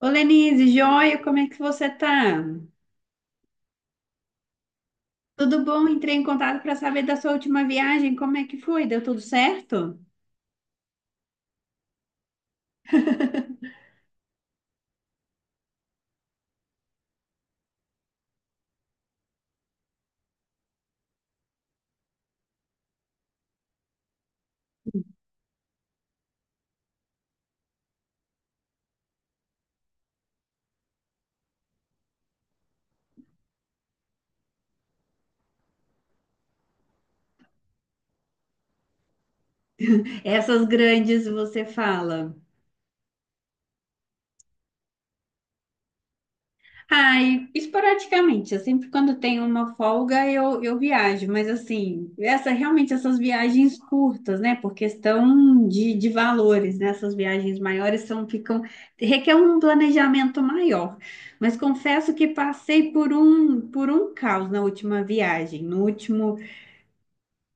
Ô Lenise, joia, como é que você tá? Tudo bom? Entrei em contato para saber da sua última viagem, como é que foi? Deu tudo certo? Essas grandes você fala. Ai, esporadicamente, eu sempre quando tenho uma folga eu viajo, mas assim, essa realmente essas viagens curtas, né? Por questão de valores, né? Essas viagens maiores são, ficam, requer um planejamento maior. Mas confesso que passei por um caos na última viagem. No último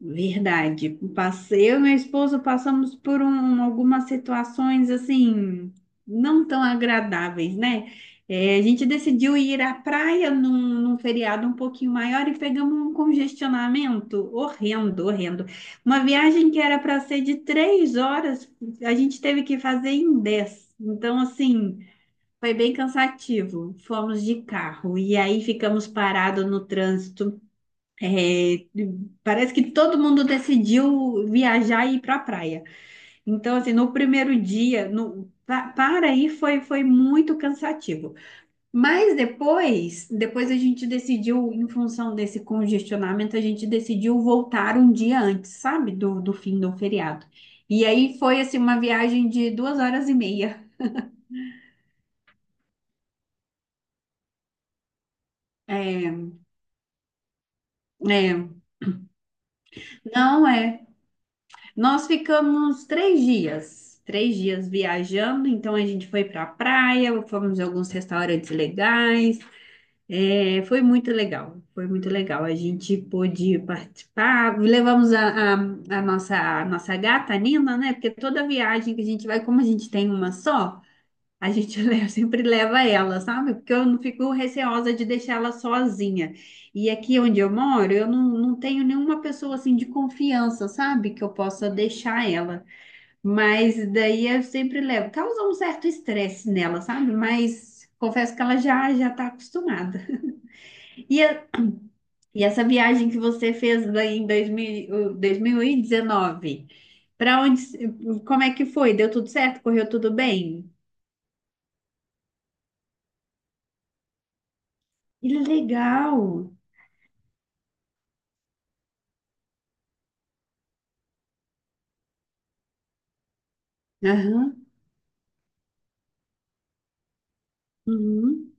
Verdade. Passei, eu e meu esposo passamos algumas situações assim não tão agradáveis, né? É, a gente decidiu ir à praia num feriado um pouquinho maior e pegamos um congestionamento horrendo, horrendo. Uma viagem que era para ser de três horas, a gente teve que fazer em dez. Então, assim, foi bem cansativo. Fomos de carro e aí ficamos parados no trânsito. É, parece que todo mundo decidiu viajar e ir para a praia. Então, assim, no primeiro dia, no, pa- para aí foi muito cansativo. Mas depois a gente decidiu, em função desse congestionamento, a gente decidiu voltar um dia antes, sabe? Do fim do feriado. E aí foi, assim, uma viagem de duas horas e meia. É, é, não é. Nós ficamos três dias viajando, então a gente foi para a praia, fomos em alguns restaurantes legais, foi muito legal, foi muito legal. A gente pôde participar, levamos a nossa gata, a Nina, né? Porque toda viagem que a gente vai, como a gente tem uma só, a gente sempre leva ela, sabe? Porque eu não fico receosa de deixar ela sozinha. E aqui onde eu moro, eu não tenho nenhuma pessoa assim de confiança, sabe? Que eu possa deixar ela. Mas daí eu sempre levo. Causa um certo estresse nela, sabe? Mas confesso que ela já já está acostumada. E, a- e essa viagem que você fez daí em dois mil, o- dois mil e 2019, para onde, como é que foi? Deu tudo certo? Correu tudo bem? Que legal! Aham. Uhum.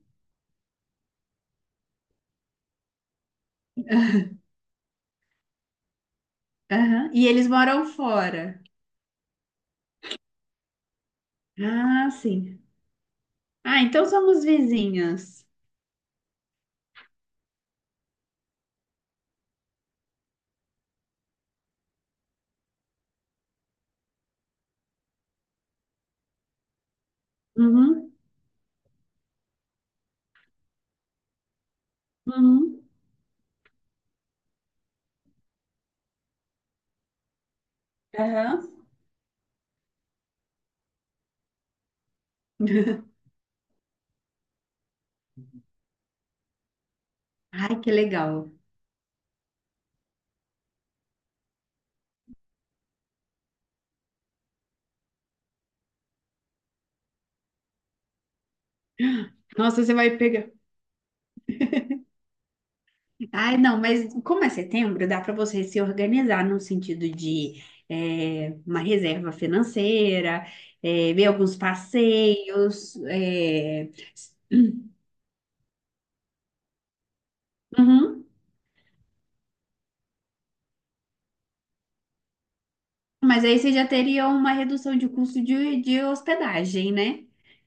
Aham. E eles moram fora. Ah, sim. Ah, então somos vizinhas. Uhum. Uhum. Aham. Ai, que legal. Nossa, você vai pegar. Ai, não, mas como é setembro, dá para você se organizar no sentido de uma reserva financeira, ver alguns passeios. Mas aí você já teria uma redução de custo de hospedagem, né?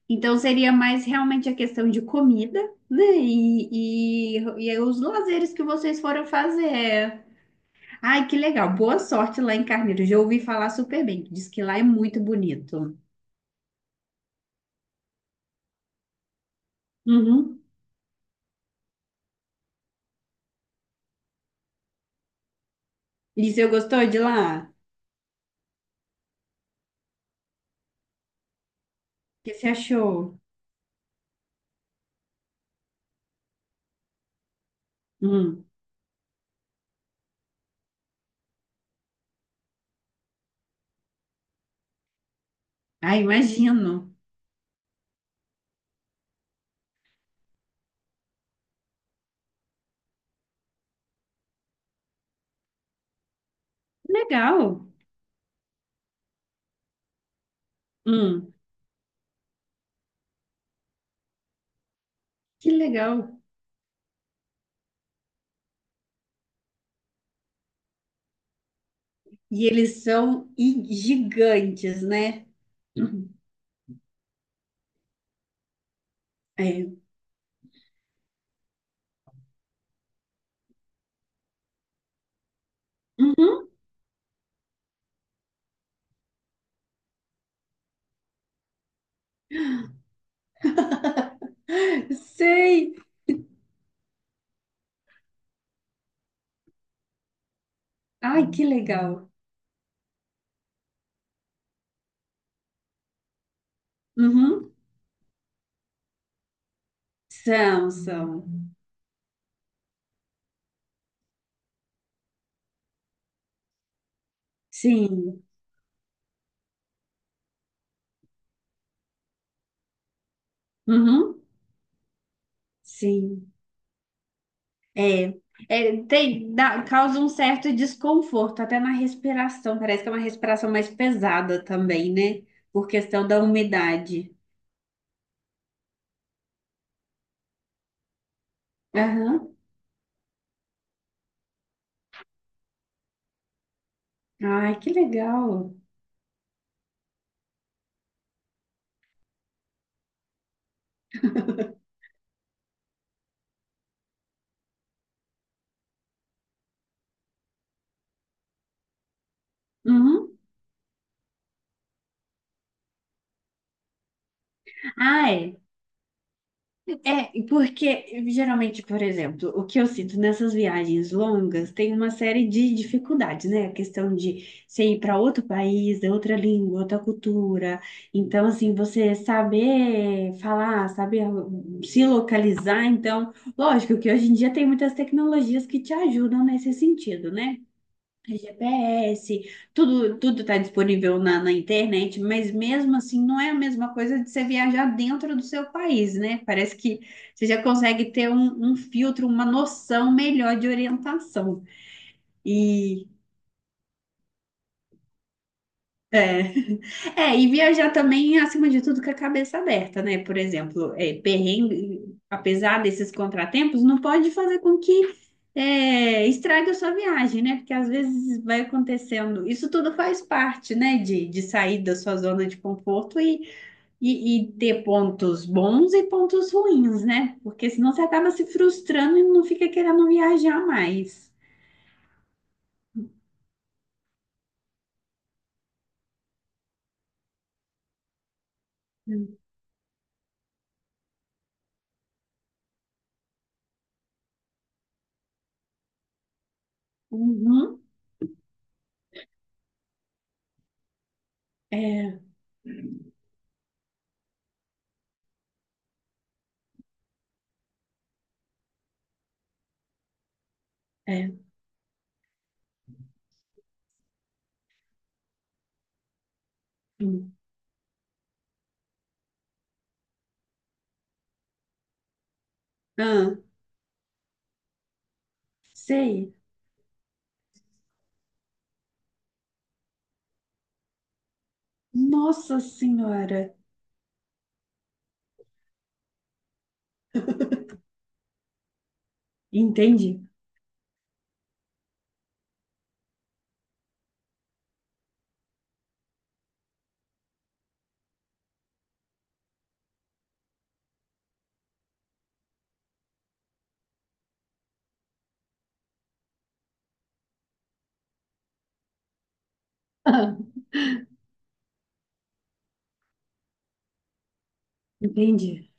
Então seria mais realmente a questão de comida, né? E aí os lazeres que vocês foram fazer. Ai, que legal. Boa sorte lá em Carneiro. Já ouvi falar super bem. Diz que lá é muito bonito. Uhum. E você gostou de lá? O que você achou? Hum. Ah, imagino. Legal. Hum. Que legal. E eles são gigantes, né? Uhum. É. Uhum. Sei. Ai, que legal. Uhum. São, são. Sim. Uhum. Sim. É. É, tem, causa um certo desconforto, até na respiração. Parece que é uma respiração mais pesada também, né? Por questão da umidade. Aham. Ai, que legal. Uhum. Ah, é. É, porque geralmente, por exemplo, o que eu sinto nessas viagens longas tem uma série de dificuldades, né? A questão de você ir para outro país, de outra língua, outra cultura. Então, assim, você saber falar, saber se localizar. Então, lógico que hoje em dia tem muitas tecnologias que te ajudam nesse sentido, né? GPS, tudo está disponível na internet, mas mesmo assim não é a mesma coisa de você viajar dentro do seu país, né? Parece que você já consegue ter um filtro, uma noção melhor de orientação. E é. É, e viajar também, acima de tudo, com a cabeça aberta, né? Por exemplo, perrengue, apesar desses contratempos, não pode fazer com que estrague a sua viagem, né? Porque às vezes vai acontecendo. Isso tudo faz parte, né? De sair da sua zona de conforto e, e ter pontos bons e pontos ruins, né? Porque senão você acaba se frustrando e não fica querendo viajar mais. Uhum. É, é. Hum. Ah, sei. Nossa Senhora! Entende? Entende?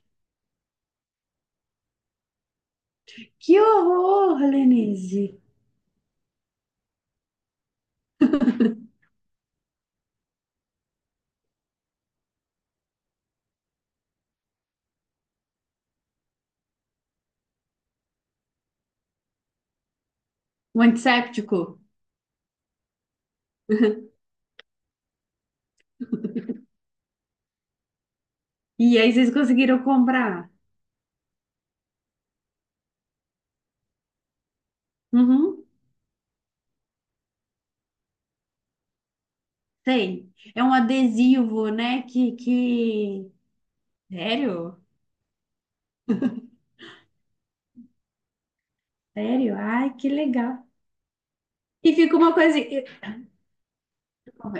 Que horror, Lenise! Um antisséptico. E aí vocês conseguiram comprar? Uhum, tem. É um adesivo, né? Que... Sério? Sério? Ai, que legal. E fica uma coisa...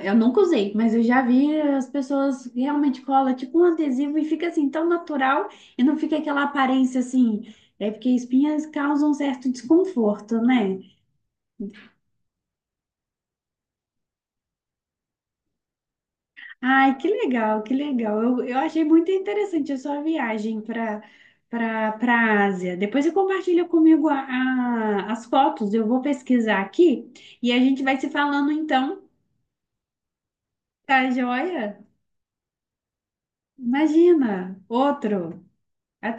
Eu nunca usei, mas eu já vi as pessoas realmente colam tipo um adesivo e fica assim tão natural e não fica aquela aparência assim... É porque espinhas causam um certo desconforto, né? Ai, que legal, que legal. Eu achei muito interessante a sua viagem para a Ásia. Depois você compartilha comigo as fotos, eu vou pesquisar aqui e a gente vai se falando então, tá joia? Imagina, outro. Até